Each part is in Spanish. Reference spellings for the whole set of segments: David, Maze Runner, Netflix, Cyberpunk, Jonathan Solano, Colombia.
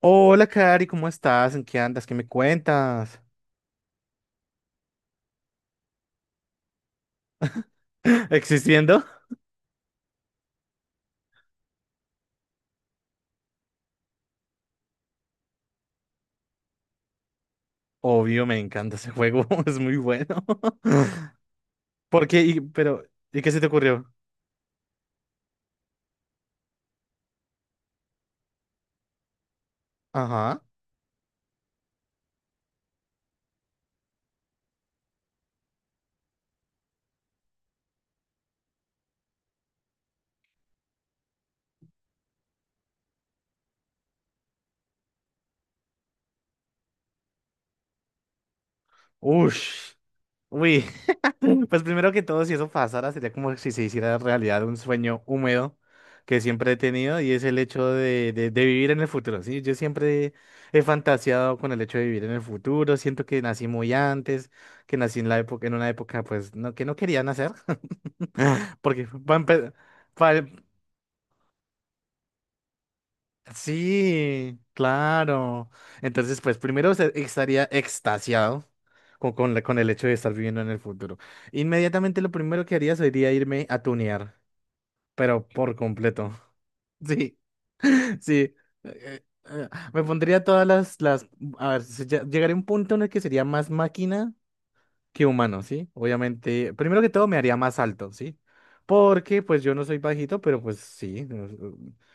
Hola, Cari, ¿cómo estás? ¿En qué andas? ¿Qué me cuentas? ¿Existiendo? Obvio, me encanta ese juego, es muy bueno. ¿Por qué? ¿Y qué se te ocurrió? Ajá. Ush. Uy. Pues primero que todo, si eso pasara, sería como si se hiciera realidad un sueño húmedo que siempre he tenido y es el hecho de vivir en el futuro, ¿sí? Yo siempre he fantaseado con el hecho de vivir en el futuro, siento que nací muy antes, que nací en la época, en una época, pues, no, que no quería nacer. Porque va a empe- pa- Sí, claro. Entonces, pues estaría extasiado con con el hecho de estar viviendo en el futuro. Inmediatamente lo primero que haría sería irme a tunear, pero por completo. Sí, sí. Eh, Me pondría todas las. A ver, llegaría a un punto en el que sería más máquina que humano, ¿sí? Obviamente, primero que todo me haría más alto, ¿sí? Porque pues yo no soy bajito, pero pues sí,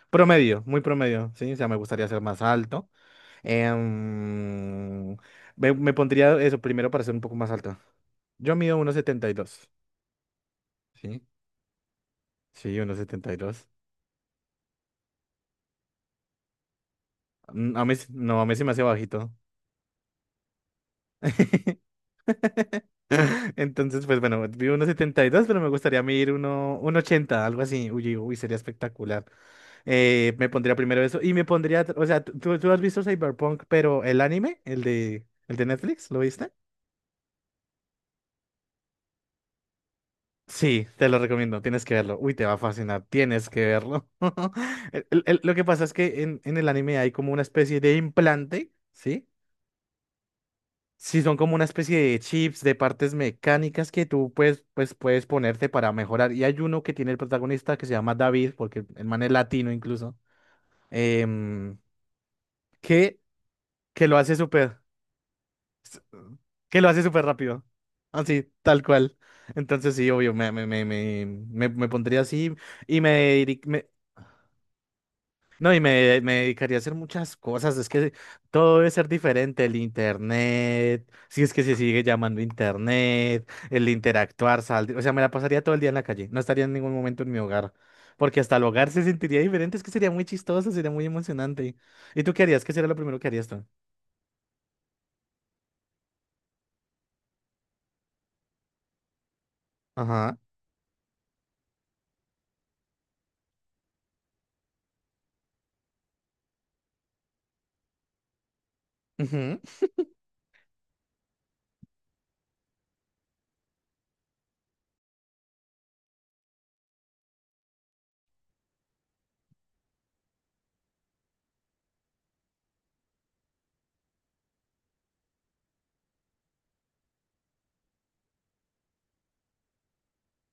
promedio, muy promedio, ¿sí? O sea, me gustaría ser más alto. Em, me pondría eso primero para ser un poco más alto. Yo mido uno setenta y dos, ¿sí? Sí, 1,72. A mí, no, a mí se me hace bajito. Entonces, pues bueno, mido uno setenta y dos, pero me gustaría medir uno ochenta, algo así. Uy, uy, sería espectacular. Me pondría primero eso. Y me pondría, o sea, ¿tú has visto Cyberpunk, pero el anime, el de Netflix, lo viste? Sí, te lo recomiendo, tienes que verlo. Uy, te va a fascinar, tienes que verlo. Lo que pasa es que en el anime hay como una especie de implante, ¿sí? Sí, son como una especie de chips, de partes mecánicas que tú pues puedes ponerte para mejorar. Y hay uno que tiene el protagonista que se llama David, porque el man es latino incluso, em, que, que lo hace súper. Que lo hace súper rápido. Así, tal cual. Entonces sí, obvio, me pondría así y no, y me dedicaría a hacer muchas cosas. Es que todo debe ser diferente. El internet, si es que se sigue llamando internet, el interactuar, salir. O sea, me la pasaría todo el día en la calle. No estaría en ningún momento en mi hogar. Porque hasta el hogar se sentiría diferente. Es que sería muy chistoso, sería muy emocionante. ¿Y tú qué harías? ¿Qué sería lo primero que harías tú? Ajá.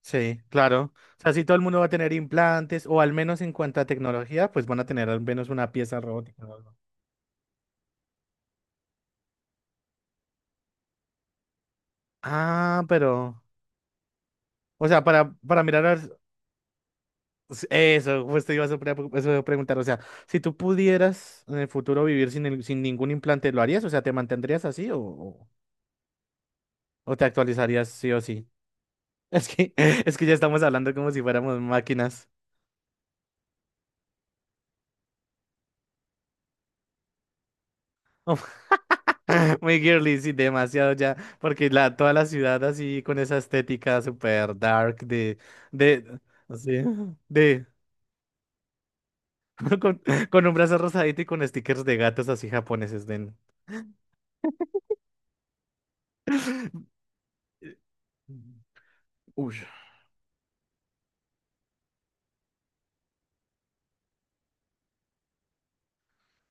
Sí, claro. O sea, si todo el mundo va a tener implantes, o al menos en cuanto a tecnología, pues van a tener al menos una pieza robótica o algo. Ah, pero, o sea, para mirar a. Eso, pues te iba a pre- eso iba a preguntar, o sea, si tú pudieras en el futuro vivir sin ningún implante, ¿lo harías? O sea, ¿te mantendrías así o te actualizarías sí o sí? Es que ya estamos hablando como si fuéramos máquinas. Muy girly, sí, demasiado ya, porque toda la ciudad así con esa estética super dark de, así, de, con, con un brazo rosadito y con stickers de gatos así japoneses. Uy.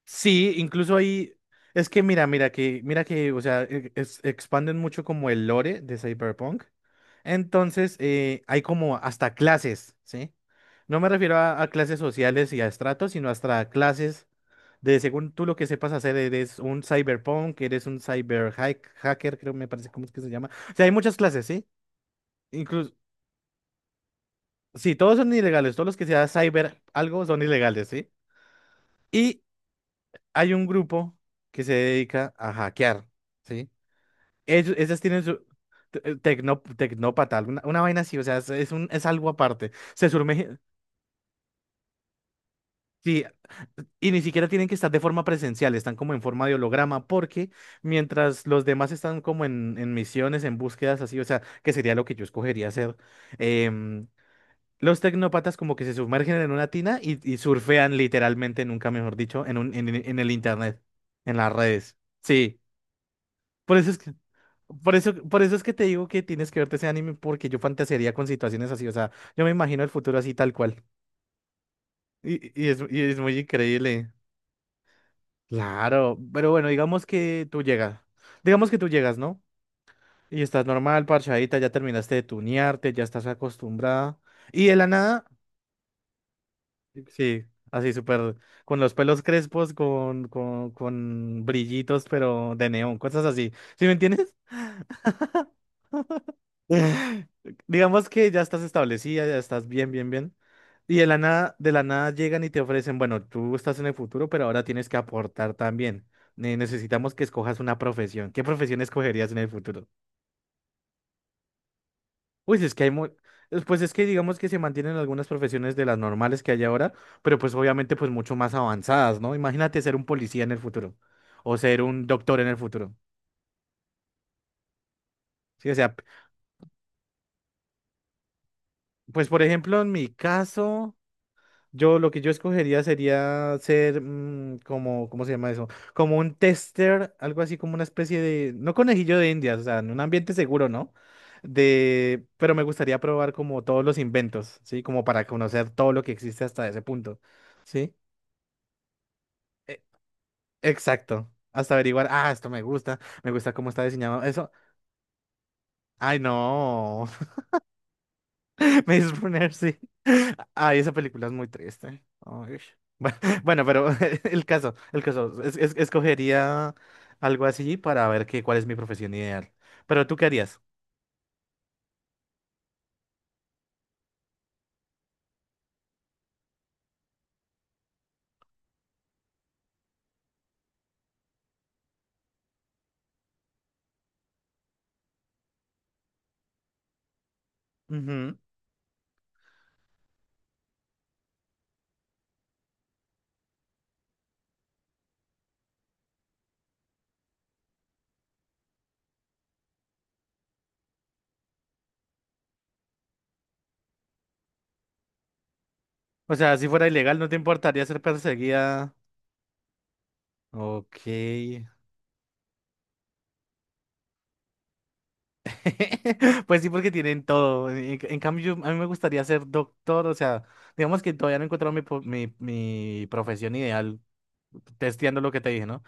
Sí, incluso ahí, es que mira que, o sea, expanden mucho como el lore de Cyberpunk. Entonces hay como hasta clases, ¿sí? No me refiero a clases sociales y a estratos, sino hasta clases. De según tú lo que sepas hacer, eres un cyberpunk, eres un cyber hacker, creo me parece, ¿cómo es que se llama? O sea, hay muchas clases, ¿sí? Incluso, sí, todos son ilegales, todos los que sea cyber algo son ilegales, ¿sí? Y hay un grupo que se dedica a hackear, ¿sí? Ellos, esas tienen su tecnópata, alguna, una vaina así, o sea, es algo aparte. Sí, y ni siquiera tienen que estar de forma presencial, están como en forma de holograma, porque mientras los demás están como en misiones, en búsquedas así, o sea, que sería lo que yo escogería hacer. em, los tecnópatas como que se sumergen en una tina y surfean literalmente, nunca mejor dicho, en el internet, en las redes. Sí, por eso es que... por eso es que te digo que tienes que verte ese anime porque yo fantasearía con situaciones así, o sea, yo me imagino el futuro así tal cual. Y es muy increíble. Claro, pero bueno, digamos que tú llegas, ¿no? Y estás normal, parchadita, ya terminaste de tunearte, ya estás acostumbrada. Y de la nada, sí, así súper, con los pelos crespos, con brillitos, pero de neón, cosas así. ¿Sí me entiendes? Digamos que ya estás establecida, ya estás bien, bien, bien. Y de la nada llegan y te ofrecen, bueno, tú estás en el futuro, pero ahora tienes que aportar también. Necesitamos que escojas una profesión. ¿Qué profesión escogerías en el futuro? Uy, si es que hay mu- es- pues es que digamos que se mantienen algunas profesiones de las normales que hay ahora, pero pues obviamente pues mucho más avanzadas, ¿no? Imagínate ser un policía en el futuro o ser un doctor en el futuro. Sí, o sea, pues por ejemplo, en mi caso. Yo lo que yo escogería sería ser como, ¿cómo se llama eso? Como un tester, algo así como una especie de, no conejillo de Indias, o sea, en un ambiente seguro, ¿no? Pero me gustaría probar como todos los inventos, ¿sí? Como para conocer todo lo que existe hasta ese punto, ¿sí? E- exacto, hasta averiguar, ah, esto me gusta cómo está diseñado eso. Ay, no. Maze Runner, sí. Ay, esa película es muy triste. Ay, bueno, bueno, pero el caso, escogería algo así para ver qué, cuál es mi profesión ideal. ¿Pero tú qué harías? Ujú. O sea, si fuera ilegal, ¿no te importaría ser perseguida? Ok. Pues sí, porque tienen todo. En cambio, a mí me gustaría ser doctor. O sea, digamos que todavía no he encontrado mi profesión ideal, testeando lo que te dije, ¿no?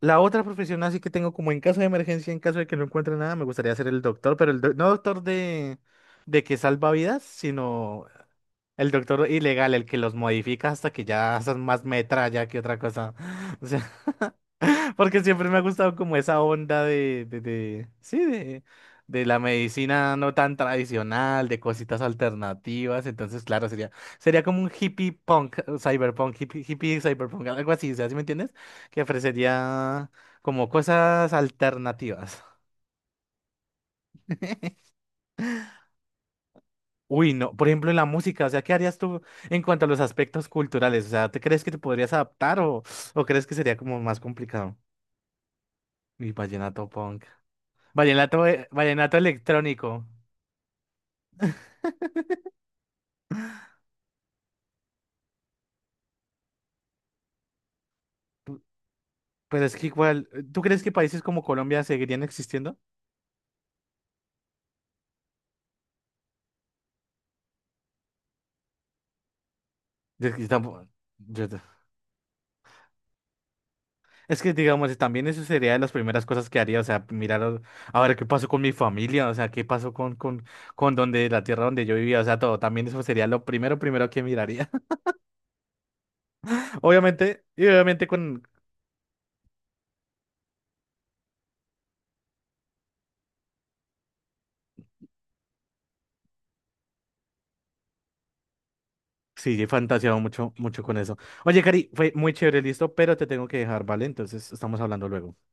La otra profesión así que tengo como en caso de emergencia, en caso de que no encuentre nada, me gustaría ser el doctor, pero no doctor de que salva vidas, sino el doctor ilegal, el que los modifica hasta que ya son más metralla que otra cosa. O sea, porque siempre me ha gustado como esa onda de la medicina no tan tradicional, de cositas alternativas. Entonces, claro, sería como un hippie punk, cyberpunk, hippie cyberpunk, algo así, o sea, ¿sí me entiendes? Que ofrecería como cosas alternativas. Uy, no, por ejemplo, en la música, o sea, ¿qué harías tú en cuanto a los aspectos culturales? O sea, ¿te crees que te podrías adaptar o crees que sería como más complicado? Y vallenato punk. Vallenato, vallenato electrónico. Pero es que igual, ¿tú crees que países como Colombia seguirían existiendo? Es que, tampo- yo te- es que, digamos, también eso sería de las primeras cosas que haría, o sea, mirar a ver qué pasó con mi familia, o sea, qué pasó con donde, la tierra donde yo vivía, o sea, todo, también eso sería lo primero que miraría. Obviamente, sí, he fantaseado mucho, mucho con eso. Oye, Cari, fue muy chévere, listo, pero te tengo que dejar, ¿vale? Entonces, estamos hablando luego.